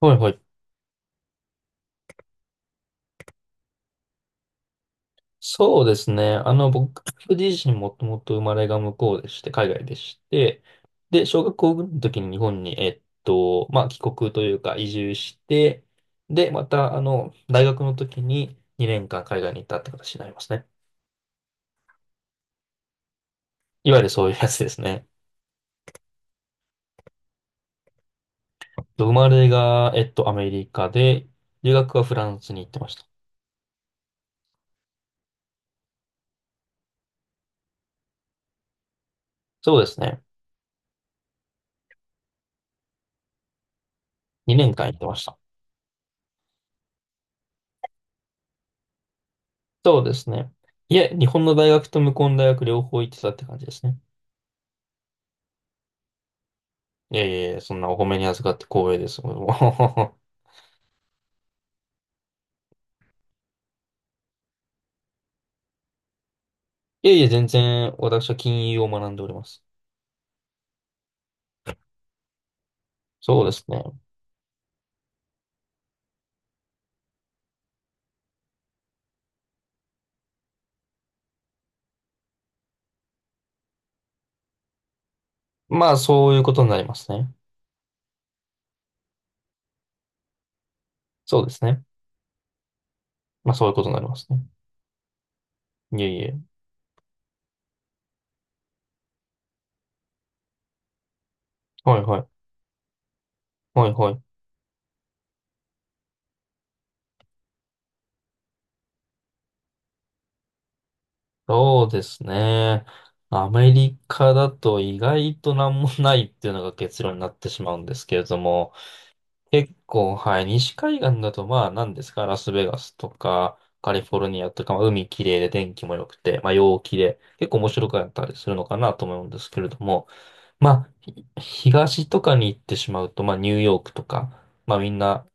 はいはい。そうですね。僕自身もともと生まれが向こうでして、海外でして、で、小学校ぐらいの時に日本に、帰国というか移住して、で、また、大学の時に2年間海外に行ったって形になりますね。いわゆるそういうやつですね。生まれが、アメリカで、留学はフランスに行ってました。そうですね。2年間行ってました。そうですね。いえ、日本の大学と向こうの大学両方行ってたって感じですね。いやいやいや、そんなお褒めに預かって光栄です。もう いやいや、全然私は金融を学んでおります。そうですね。まあ、そういうことになりますね。そうですね。まあ、そういうことになりますね。いやいや。はいはい。はいはい。そうですね。アメリカだと意外となんもないっていうのが結論になってしまうんですけれども。結構、はい。西海岸だと、まあ、何ですか、ラスベガスとか、カリフォルニアとか、まあ、海綺麗で天気も良くて、まあ、陽気で、結構面白かったりするのかなと思うんですけれども、まあ、東とかに行ってしまうと、まあ、ニューヨークとか、まあ、みんな、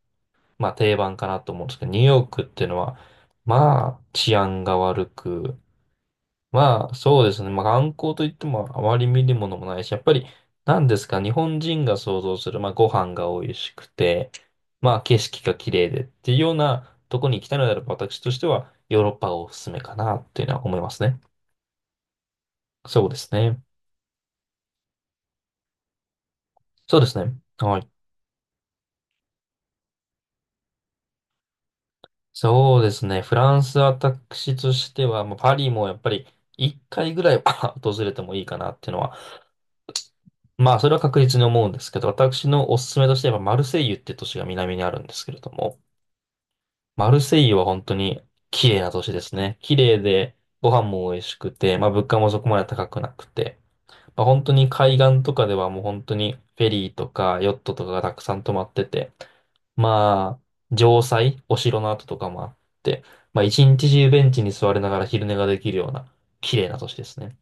まあ、定番かなと思うんですけど、ニューヨークっていうのは、まあ、治安が悪く、まあ、そうですね。まあ、観光といってもあまり見るものもないし、やっぱり、何ですか、日本人が想像する、まあ、ご飯が美味しくて、まあ、景色が綺麗でっていうようなとこに行きたいのであれば、私としては、ヨーロッパがおすすめかなっていうのは思いますね。そうですね。そうですね。はい。そうですね。フランス、私としては、まあ、パリもやっぱり、一回ぐらいは 訪れてもいいかなっていうのは、まあ、それは確実に思うんですけど、私のおすすめとしては、マルセイユって都市が南にあるんですけれども、マルセイユは本当に綺麗な都市ですね。綺麗で、ご飯も美味しくて、まあ物価もそこまで高くなくて、まあ本当に海岸とかではもう本当にフェリーとかヨットとかがたくさん泊まってて、まあ、城塞、お城の跡とかもあって、まあ一日中ベンチに座りながら昼寝ができるような綺麗な都市ですね。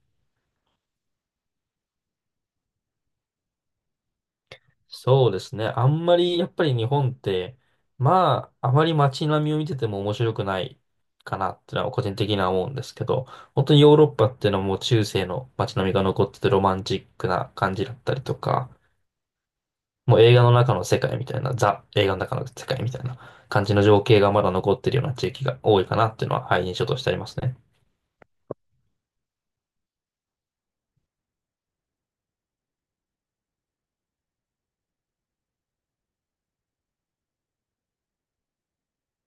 そうですね。あんまり、やっぱり日本って、まあ、あまり街並みを見てても面白くないかなってのは個人的には思うんですけど、本当にヨーロッパっていうのはもう中世の街並みが残っててロマンチックな感じだったりとか、もう映画の中の世界みたいな、ザ映画の中の世界みたいな感じの情景がまだ残ってるような地域が多いかなっていうのは、はい、印象としてありますね。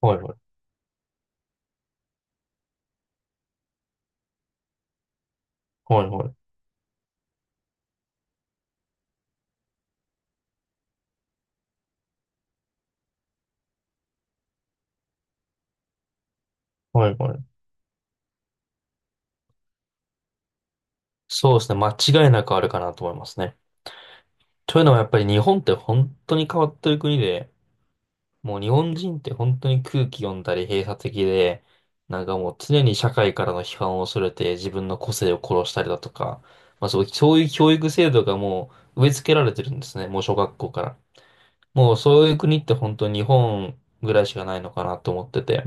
はいはい。はいはい。はいはい。そうですね。間違いなくあるかなと思いますね。というのはやっぱり日本って本当に変わってる国で、もう日本人って本当に空気読んだり閉鎖的で、なんかもう常に社会からの批判を恐れて自分の個性を殺したりだとか、そういう教育制度がもう植え付けられてるんですね、もう小学校から。もうそういう国って本当に日本ぐらいしかないのかなと思ってて。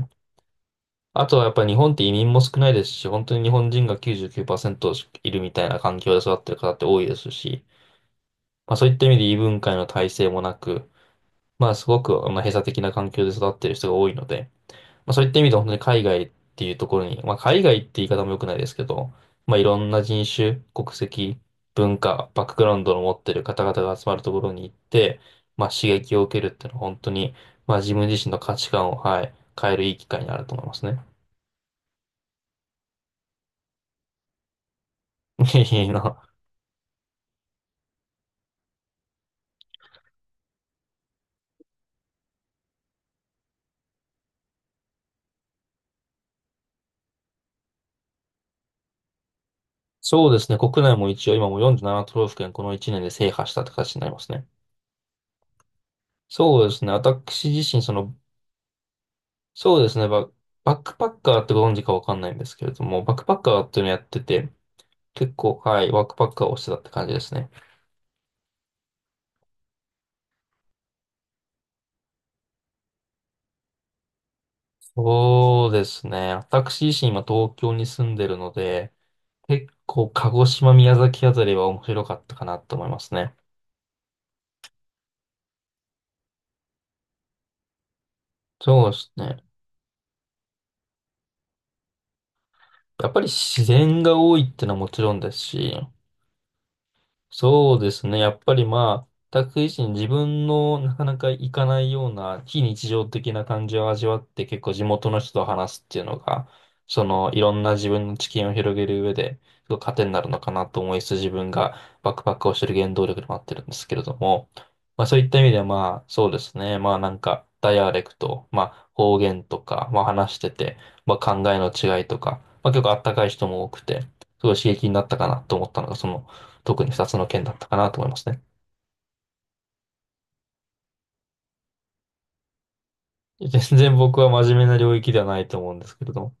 あとはやっぱり日本って移民も少ないですし、本当に日本人が99%いるみたいな環境で育ってる方って多いですし、まあそういった意味で異文化への耐性もなく、まあすごくまあ閉鎖的な環境で育ってる人が多いので、まあそういった意味では本当に海外っていうところに、まあ海外って言い方も良くないですけど、まあいろんな人種、国籍、文化、バックグラウンドの持ってる方々が集まるところに行って、まあ刺激を受けるっていうのは本当に、まあ自分自身の価値観を、はい、変えるいい機会になると思いますね。いいな。そうですね。国内も一応今もう47都道府県この1年で制覇したって形になりますね。そうですね。私自身、その、そうですね。バックパッカーってご存知かわかんないんですけれども、バックパッカーっていうのをやってて、結構、はい、ワークパッカーをしてたって感じですね。そうですね。私自身今東京に住んでるので、結構鹿児島、宮崎あたりは面白かったかなと思いますね。そうですね。やっぱり自然が多いってのはもちろんですし、そうですね。やっぱりまあ、全く自分のなかなか行かないような非日常的な感じを味わって結構地元の人と話すっていうのが、そのいろんな自分の知見を広げる上で、すごい糧になるのかなと思いつつ自分がバックパックをしてる原動力でもあってるんですけれども、まあそういった意味ではまあそうですね。まあなんかダイアレクト、まあ方言とか、まあ話してて、まあ考えの違いとか、まあ結構あったかい人も多くて、すごい刺激になったかなと思ったのが、その特に2つの件だったかなと思いますね。全然僕は真面目な領域ではないと思うんですけれども。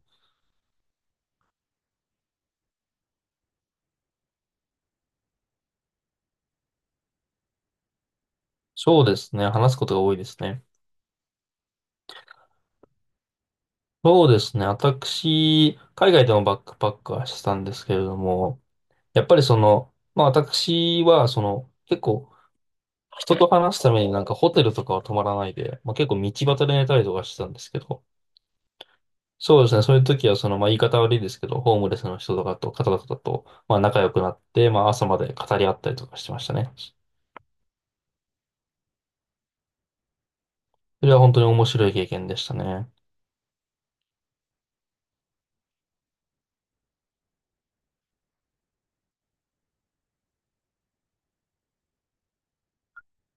そうですね。話すことが多いですね。そうですね。私、海外でもバックパックはしてたんですけれども、やっぱりその、まあ私はその、結構人と話すためになんかホテルとかは泊まらないで、まあ結構道端で寝たりとかしてたんですけど、そうですね。そういう時はその、まあ言い方悪いですけど、ホームレスの人とかと、方々と、まあ仲良くなって、まあ朝まで語り合ったりとかしてましたね。それは本当に面白い経験でしたね。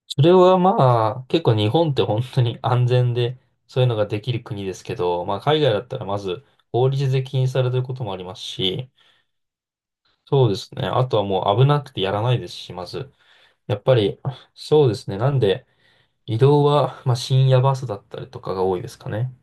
それはまあ、結構日本って本当に安全で、そういうのができる国ですけど、まあ海外だったらまず法律で禁止されてることもありますし、そうですね。あとはもう危なくてやらないですし、まず。やっぱり、そうですね。なんで、移動は、まあ深夜バスだったりとかが多いですかね。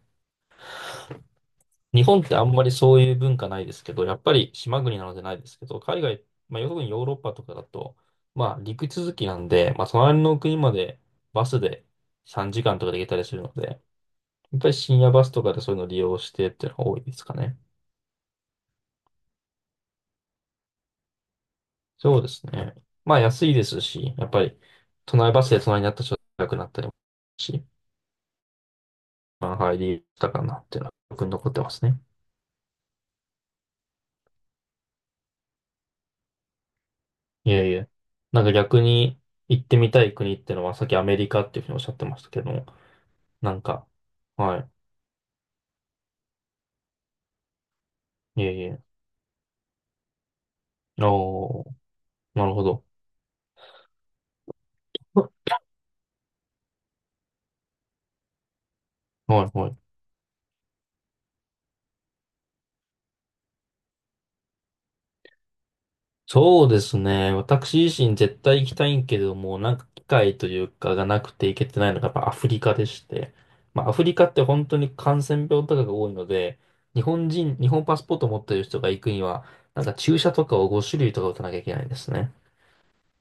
日本ってあんまりそういう文化ないですけど、やっぱり島国なのでないですけど、海外、まあ、特にヨーロッパとかだと、まあ、陸続きなんで、まあ、隣の国までバスで3時間とかで行けたりするので、やっぱり深夜バスとかでそういうのを利用してっていうのが多いですかね。そうですね。まあ、安いですし、やっぱり、隣バスで隣になった人が高くなったりもするし、まあ、入りたかなっていうのは、僕に残ってますね。いえいえ。なんか逆に行ってみたい国ってのは、さっきアメリカっていうふうにおっしゃってましたけどなんか、はい。いえいえ。おー、なるほど。はいはい。そうですね。私自身絶対行きたいんけれども、なんか機会というかがなくて行けてないのがやっぱアフリカでして。まあアフリカって本当に感染病とかが多いので、日本人、日本パスポート持ってる人が行くには、なんか注射とかを5種類とか打たなきゃいけないんですね。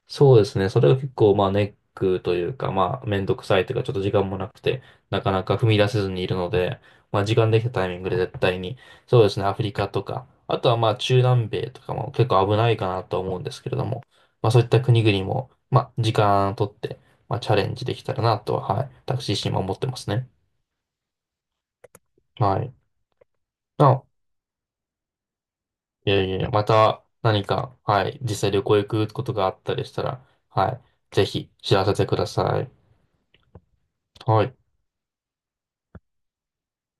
そうですね。それが結構、まあ、ネックというか、まあ、めんどくさいというか、ちょっと時間もなくて、なかなか踏み出せずにいるので、まあ、時間できたタイミングで絶対に、そうですね、アフリカとか、あとはまあ、中南米とかも結構危ないかなと思うんですけれども、まあ、そういった国々も、まあ、時間をとって、まあ、チャレンジできたらなとは、はい、私自身も思ってますね。はい。あ、いやいやいや、また何か、はい、実際旅行行くことがあったりしたら、はい、ぜひ知らせてください。はい。